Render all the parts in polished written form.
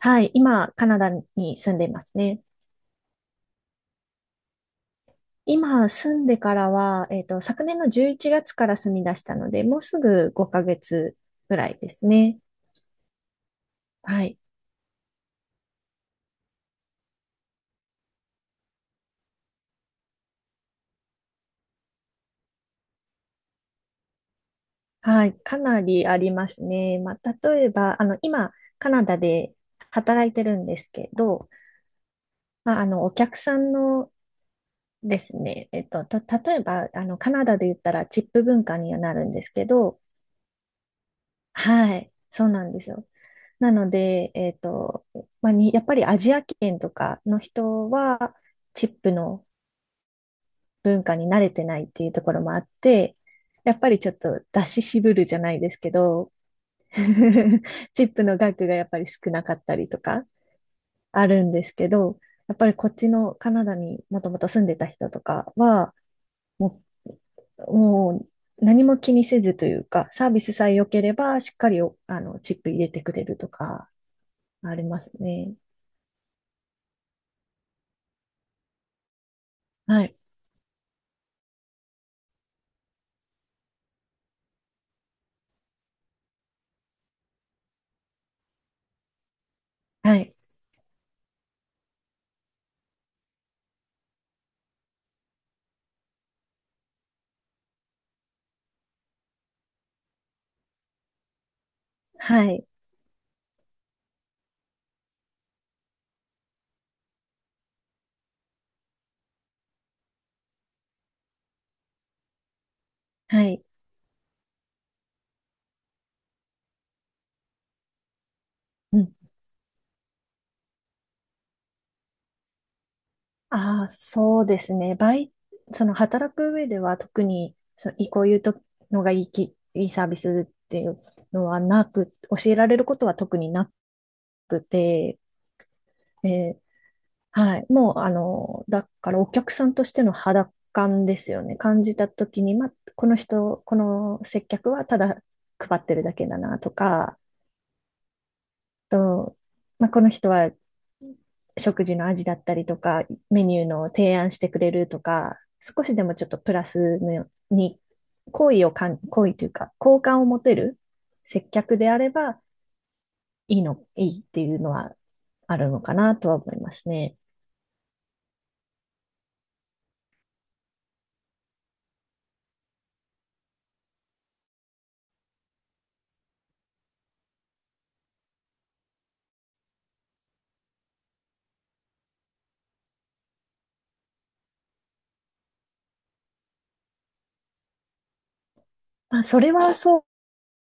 はい、今、カナダに住んでいますね。今、住んでからは、昨年の11月から住み出したので、もうすぐ5ヶ月ぐらいですね。はい。はい。かなりありますね。まあ、例えば、今、カナダで働いてるんですけど、まあ、お客さんのですね、例えば、カナダで言ったらチップ文化にはなるんですけど、はい。そうなんですよ。なので、まあ、やっぱりアジア圏とかの人は、チップの文化に慣れてないっていうところもあって、やっぱりちょっと出し渋るじゃないですけど、チップの額がやっぱり少なかったりとかあるんですけど、やっぱりこっちのカナダにもともと住んでた人とかは、ももう何も気にせずというか、サービスさえ良ければしっかりおチップ入れてくれるとかありますね。はい。はい。はい、はい。うん。ああ、そうですね。その働く上では特に、その、いこういうとのがいいき、いいサービスっていうのはなく、教えられることは特になくて、えーはい。もう、だからお客さんとしての肌感ですよね。感じたときに、ま、この接客はただ配ってるだけだなとか、と、まあ、この人は食事の味だったりとか、メニューの提案してくれるとか、少しでもちょっとプラスのに、好意というか、好感を持てる接客であれば、いいっていうのはあるのかなとは思いますね。まあ、それはそ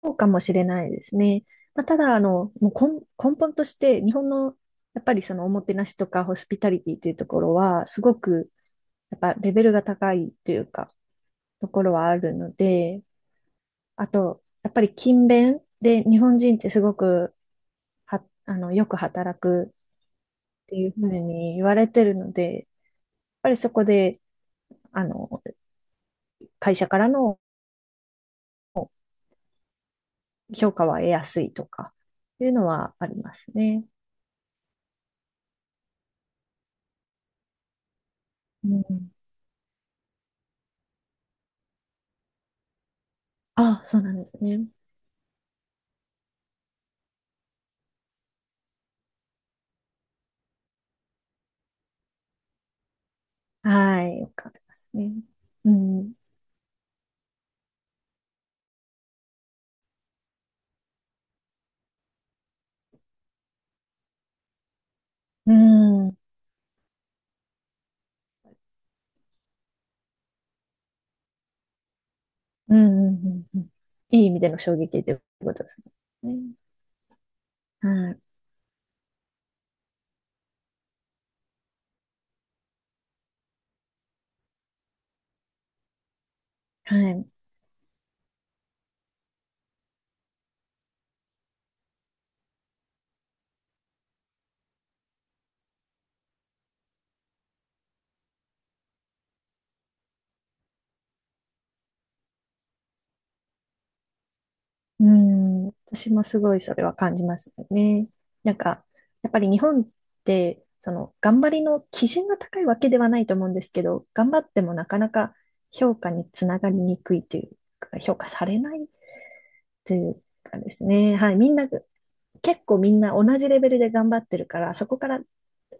うかもしれないですね。まあ、ただ、もう根本として、日本の、やっぱりそのおもてなしとかホスピタリティというところは、すごく、やっぱレベルが高いというか、ところはあるので、あと、やっぱり勤勉で日本人ってすごくは、よく働くっていうふうに言われてるので、やっぱりそこで、あの、会社からの評価は得やすいとか、いうのはありますね。うん。あ、そうなんですね。はい、よくありますね。うん。うん。うん。うん。うん。うん。いい意味での衝撃ということですね。はい。はい。うん、私もすごいそれは感じますよね。なんか、やっぱり日本って、その、頑張りの基準が高いわけではないと思うんですけど、頑張ってもなかなか評価につながりにくいというか、評価されないというかですね。はい、みんな、結構みんな同じレベルで頑張ってるから、そこから、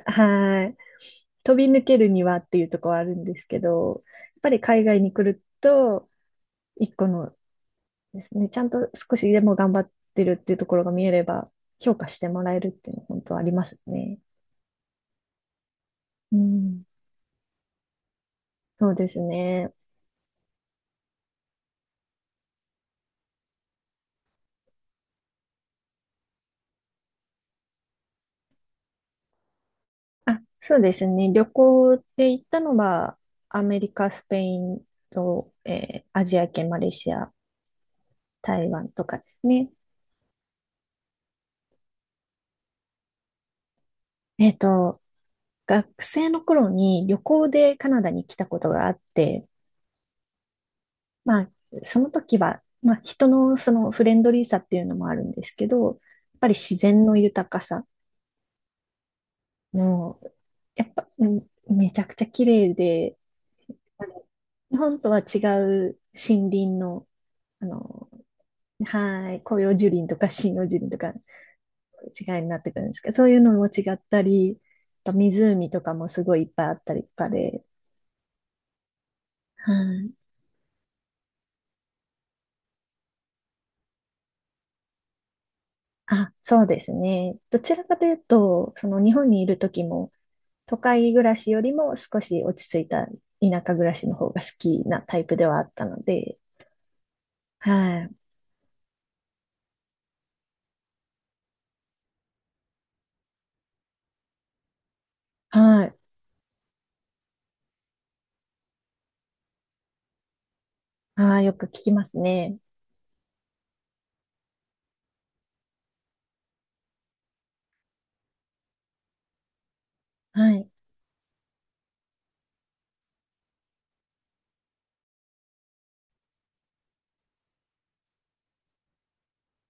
はい、飛び抜けるにはっていうところはあるんですけど、やっぱり海外に来ると、一個のですね。ちゃんと少しでも頑張ってるっていうところが見えれば、評価してもらえるっていうのは本当ありますね。うん。そうですね。あ、そうですね。旅行で行ったのは、アメリカ、スペインと、アジア圏、マレーシア、台湾とかですね。えっと、学生の頃に旅行でカナダに来たことがあって、まあ、その時は、まあ、人のそのフレンドリーさっていうのもあるんですけど、やっぱり自然の豊かさのやっぱ、うんめちゃくちゃ綺麗で、あの日本とは違う森林の、あの、はい、広葉樹林とか針葉樹林とか違いになってくるんですけど、そういうのも違ったり、あと湖とかもすごいいっぱいあったりとかで、はい。あ、そうですね。どちらかというと、その日本にいる時も、都会暮らしよりも少し落ち着いた田舎暮らしの方が好きなタイプではあったので、はい。はい。ああ、よく聞きますね。はい。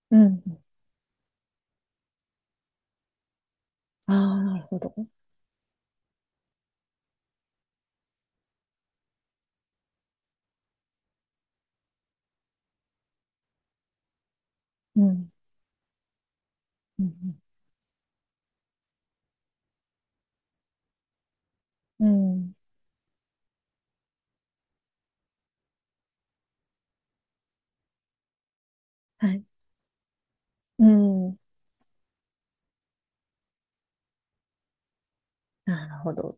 うん。ああ、なるほど。うん。うん。うん。うん。はい。うん。なるほど。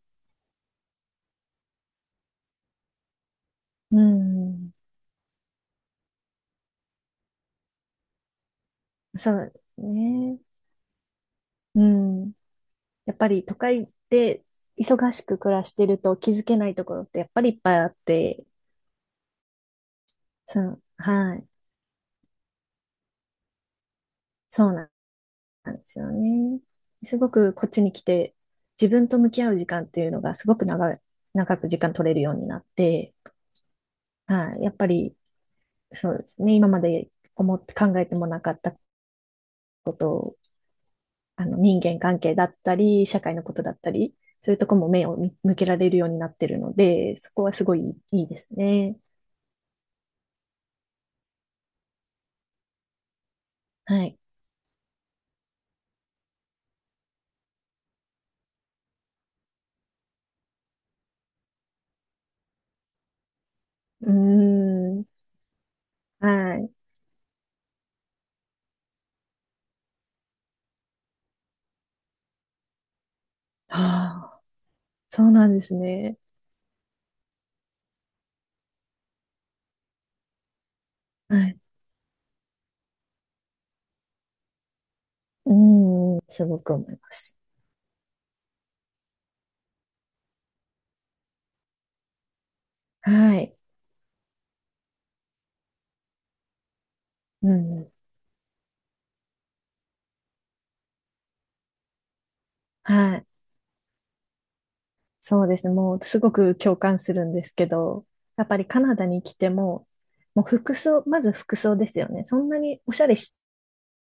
うん。そうですね。うん。やっぱり都会で忙しく暮らしてると気づけないところってやっぱりいっぱいあって、その、はい。そうなんですよね。すごくこっちに来て自分と向き合う時間っていうのがすごく長い、長く時間取れるようになって、はい。やっぱりそうですね。今まで思って考えてもなかった人間関係だったり、社会のことだったり、そういうとこも目をみ向けられるようになってるので、そこはすごいいいですね。はい。うーん。はい。ああ、そうなんですね。はい。うーん。すごく思います。はい。うん。はい。そうですね。もう、すごく共感するんですけど、やっぱりカナダに来ても、もう服装、まず服装ですよね。そんなにおしゃれし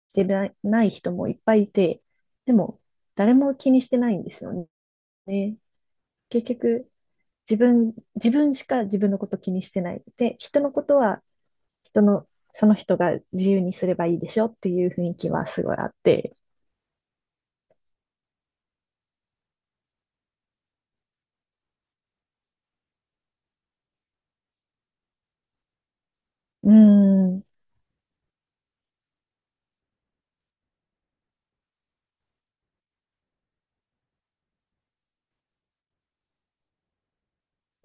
してない人もいっぱいいて、でも誰も気にしてないんですよね。結局、自分しか自分のこと気にしてない。で、人のことは人の、その人が自由にすればいいでしょっていう雰囲気はすごいあって。うーん。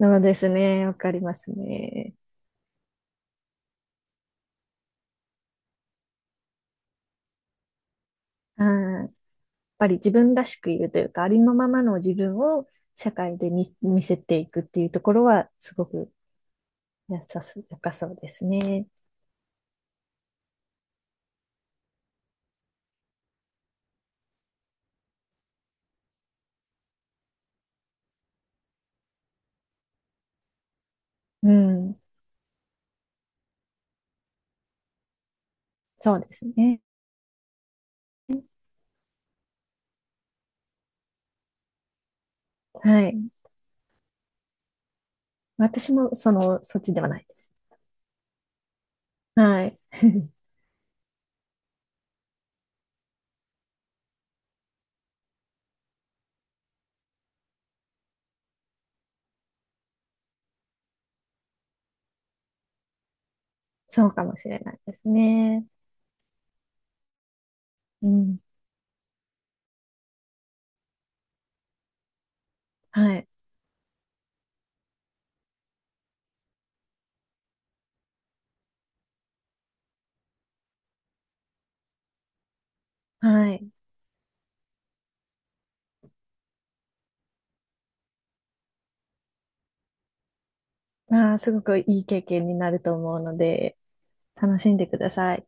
そうですね。わかりますね。うん。やっぱり自分らしくいるというか、ありのままの自分を社会で見せていくっていうところは、すごく良さそうですね。うん。そうですね。はい。私も、その、そっちではないです。はい。そうかもしれないですね。うん。はい。はい。ああ、すごくいい経験になると思うので、楽しんでください。